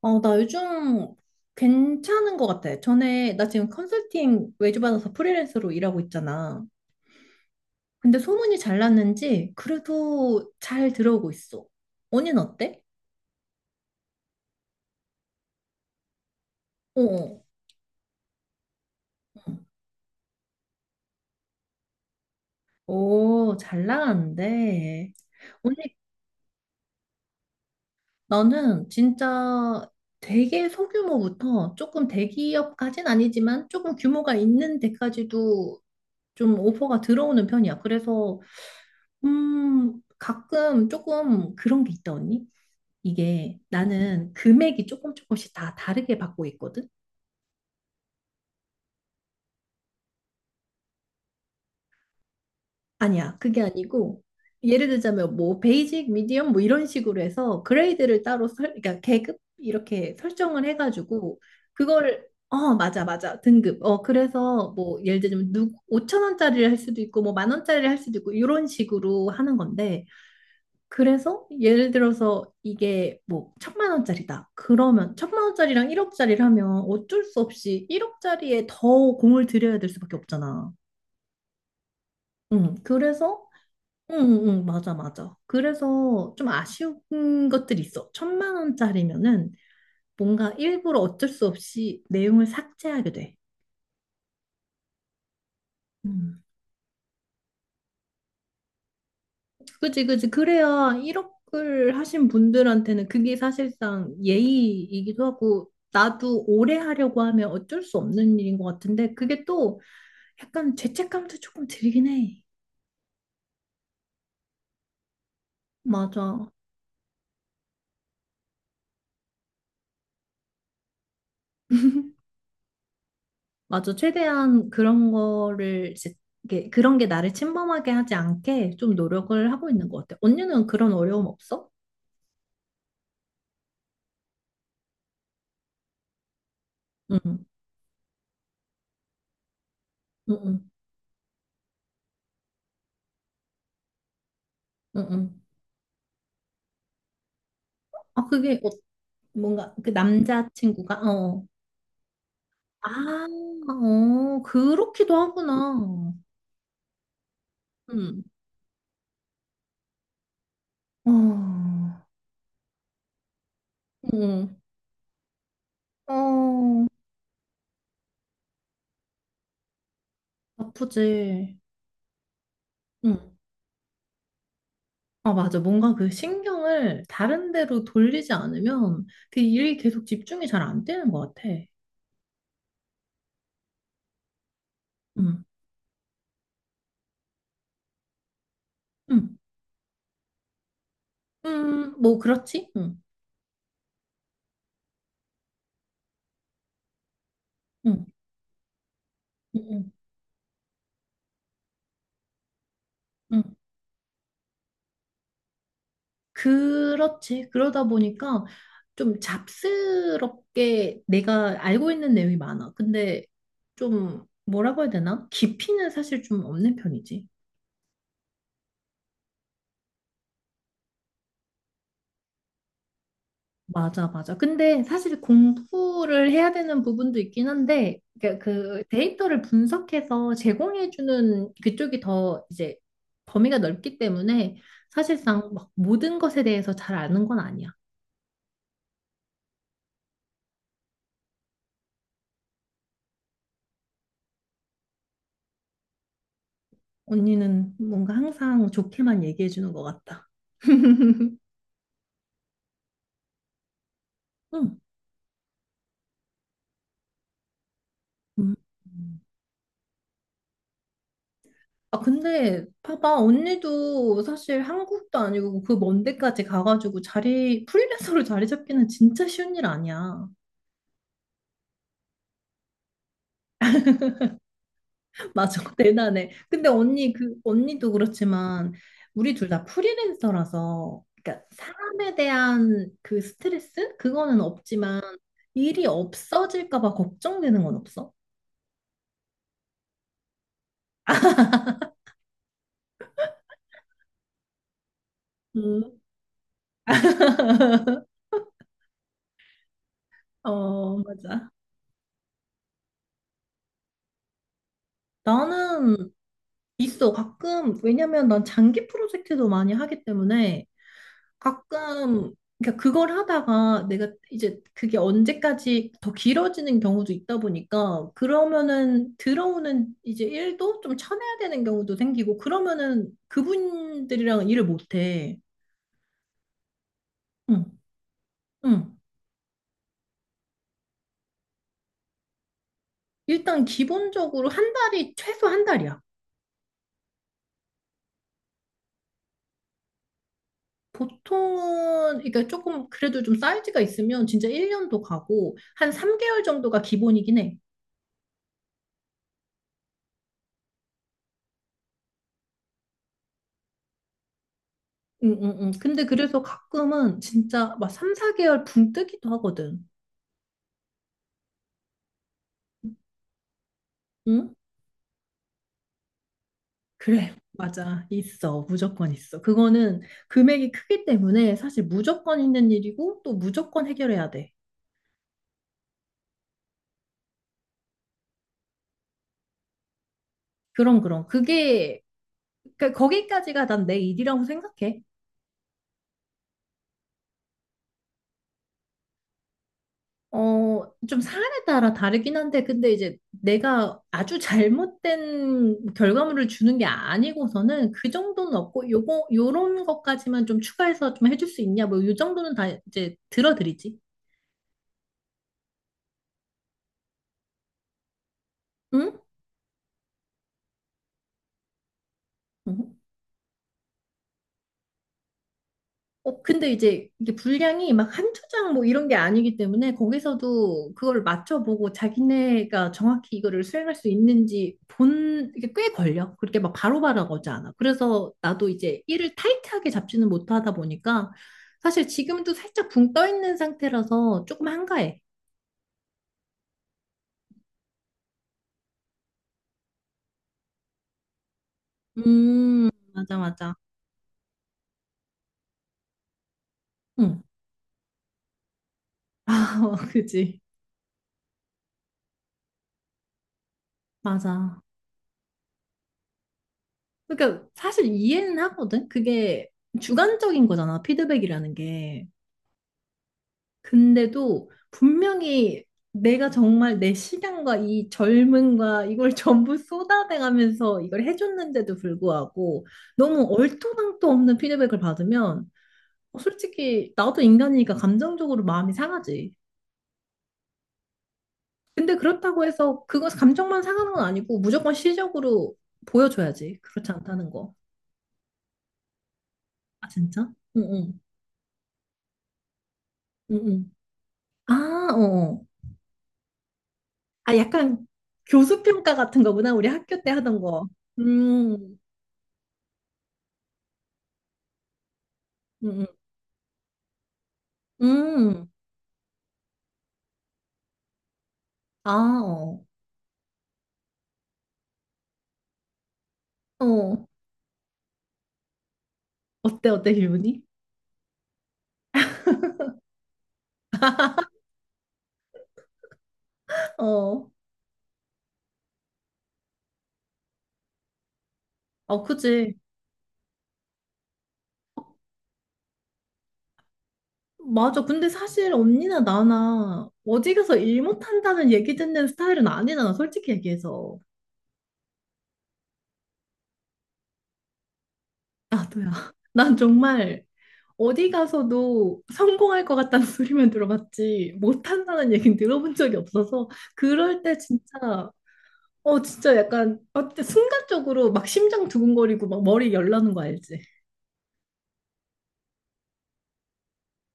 어, 나 요즘 괜찮은 것 같아. 전에, 나 지금 컨설팅 외주 받아서 프리랜서로 일하고 있잖아. 근데 소문이 잘 났는지 그래도 잘 들어오고 있어. 언니는 어때? 어, 어. 어. 오, 잘 나가는데. 언니, 나는 진짜 되게 소규모부터 조금 대기업까진 아니지만 조금 규모가 있는 데까지도 좀 오퍼가 들어오는 편이야. 그래서, 가끔 조금 그런 게 있다, 언니. 이게 나는 금액이 조금씩 다 다르게 받고 있거든? 아니야, 그게 아니고 예를 들자면 뭐 베이직, 미디엄 뭐 이런 식으로 해서 그레이드를 따로 설, 그러니까 계급 이렇게 설정을 해가지고 그거를 맞아, 맞아, 등급. 어, 그래서 뭐 예를 들면 누 5천 원짜리를 할 수도 있고 뭐 만 원짜리를 할 수도 있고 이런 식으로 하는 건데, 그래서 예를 들어서 이게 뭐 천만 원짜리다. 그러면 천만 원짜리랑 1억짜리를 하면 어쩔 수 없이 1억짜리에 더 공을 들여야 될 수밖에 없잖아. 응, 그래서, 응, 응, 응, 맞아, 맞아. 그래서 좀 아쉬운 것들이 있어. 천만 원짜리면은 뭔가 일부러 어쩔 수 없이 내용을 삭제하게 돼. 음. 그지, 그지. 그래야 1억을 하신 분들한테는 그게 사실상 예의이기도 하고, 나도 오래 하려고 하면 어쩔 수 없는 일인 것 같은데, 그게 또 약간 죄책감도 조금 들긴 해. 맞아. 맞아. 최대한 그런 거를, 이제 이게 그런 게 나를 침범하게 하지 않게 좀 노력을 하고 있는 것 같아. 언니는 그런 어려움 없어? 응, 응, 응, 응, 응. 아, 그게, 어, 뭔가 그 남자친구가, 어. 어. 아, 어, 그렇기도 하구나. 응, 어, 응, 어, 나쁘지. 응. 아, 맞아. 뭔가 그 신경을 다른 데로 돌리지 않으면 그 일이 계속 집중이 잘 안 되는 것 같아. 응. 응, 응, 뭐, 그렇지? 응, 응, 응, 응. 그렇지. 그러다 보니까 좀 잡스럽게 내가 알고 있는 내용이 많아. 근데 좀 뭐라고 해야 되나? 깊이는 사실 좀 없는 편이지. 맞아, 맞아. 근데 사실 공부를 해야 되는 부분도 있긴 한데, 그러니까 그 데이터를 분석해서 제공해주는 그쪽이 더 이제 범위가 넓기 때문에 사실상 막 모든 것에 대해서 잘 아는 건 아니야. 언니는 뭔가 항상 좋게만 얘기해주는 것 같다. 응. 음. 아, 근데 봐봐. 언니도 사실 한국도 아니고 그 먼 데까지 가가지고 자리, 프리랜서로 자리 잡기는 진짜 쉬운 일 아니야. 맞아. 대단해. 근데 언니, 그, 언니도 그렇지만 우리 둘 다 프리랜서라서 그러니까 사람에 대한 그 스트레스? 그거는 없지만 일이 없어질까 봐 걱정되는 건 없어? 음, 어, 맞아. 나는 있어. 가끔, 왜냐면 난 장기 프로젝트도 많이 하기 때문에 가끔, 그러니까 그걸 하다가 내가 이제 그게 언제까지 더 길어지는 경우도 있다 보니까 그러면은 들어오는 이제 일도 좀 쳐내야 되는 경우도 생기고 그러면은 그분들이랑 일을 못해. 응, 응. 일단 기본적으로 한 달이 최소 한 달이야. 보통은 그러니까 조금 그래도 좀 사이즈가 있으면 진짜 1년도 가고 한 3개월 정도가 기본이긴 해. 응, 응, 응. 근데 그래서 가끔은 진짜 막 3, 4개월 붕 뜨기도 하거든. 응? 그래, 맞아. 있어. 무조건 있어. 그거는 금액이 크기 때문에 사실 무조건 있는 일이고 또 무조건 해결해야 돼. 그럼, 그럼. 그게, 그, 거기까지가 난 내 일이라고 생각해. 어, 좀 사안에 따라 다르긴 한데, 근데 이제 내가 아주 잘못된 결과물을 주는 게 아니고서는 그 정도는 없고, 요거, 요런 것까지만 좀 추가해서 좀 해줄 수 있냐, 뭐, 요 정도는 다 이제 들어드리지. 응? 어? 어, 근데 이제 이게 분량이 막 한두 장 뭐 이런 게 아니기 때문에 거기서도 그걸 맞춰보고 자기네가 정확히 이거를 수행할 수 있는지 본, 이게 꽤 걸려. 그렇게 막 바로바로 오지 않아. 그래서 나도 이제 일을 타이트하게 잡지는 못하다 보니까 사실 지금도 살짝 붕 떠 있는 상태라서 조금 한가해. 맞아, 맞아. 응. 아, 그지. 맞아. 그러니까 사실 이해는 하거든. 그게 주관적인 거잖아. 피드백이라는 게. 근데도 분명히 내가 정말 내 시간과 이 젊음과 이걸 전부 쏟아내가면서 이걸 해줬는데도 불구하고 너무 얼토당토 없는 피드백을 받으면 솔직히 나도 인간이니까 감정적으로 마음이 상하지. 근데 그렇다고 해서 그거 감정만 상하는 건 아니고 무조건 시적으로 보여줘야지. 그렇지 않다는 거. 아, 진짜? 응응. 응응. 아, 어. 어. 아, 약간 교수 평가 같은 거구나. 우리 학교 때 하던 거. 음. 응, 응. 음, 아, 어. 어. 어때, 어때, 기분이? 어. 아, 그지. 맞아. 근데 사실 언니나 나나 어디 가서 일 못한다는 얘기 듣는 스타일은 아니잖아, 솔직히 얘기해서. 나도야. 난 정말 어디 가서도 성공할 것 같다는 소리만 들어봤지, 못한다는 얘기는 들어본 적이 없어서, 그럴 때 진짜, 어, 진짜 약간, 어때, 순간적으로 막 심장 두근거리고 막 머리 열나는 거 알지?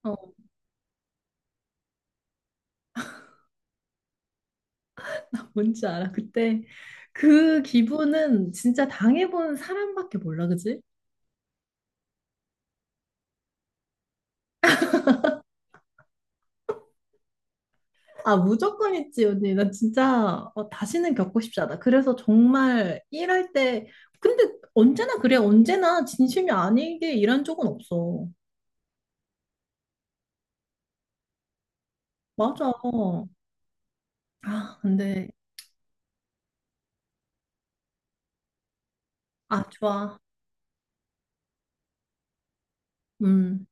어. 뭔지 알아? 그때 그 기분은 진짜 당해본 사람밖에 몰라, 그지? 아, 무조건 있지, 언니. 나 진짜 어, 다시는 겪고 싶지 않아. 그래서 정말 일할 때, 근데 언제나 그래. 언제나 진심이 아니게 일한 적은 없어. 맞아. 아, 근데, 아, 좋아. 음.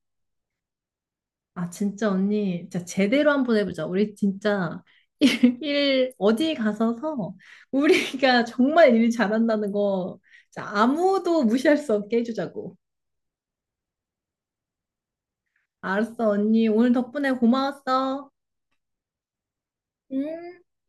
아, 진짜 언니, 진짜 제대로 한번 해보자. 우리 진짜 일 어디 가서서 우리가 정말 일 잘한다는 거 진짜 아무도 무시할 수 없게 해주자고. 알았어, 언니. 오늘 덕분에 고마웠어. 음.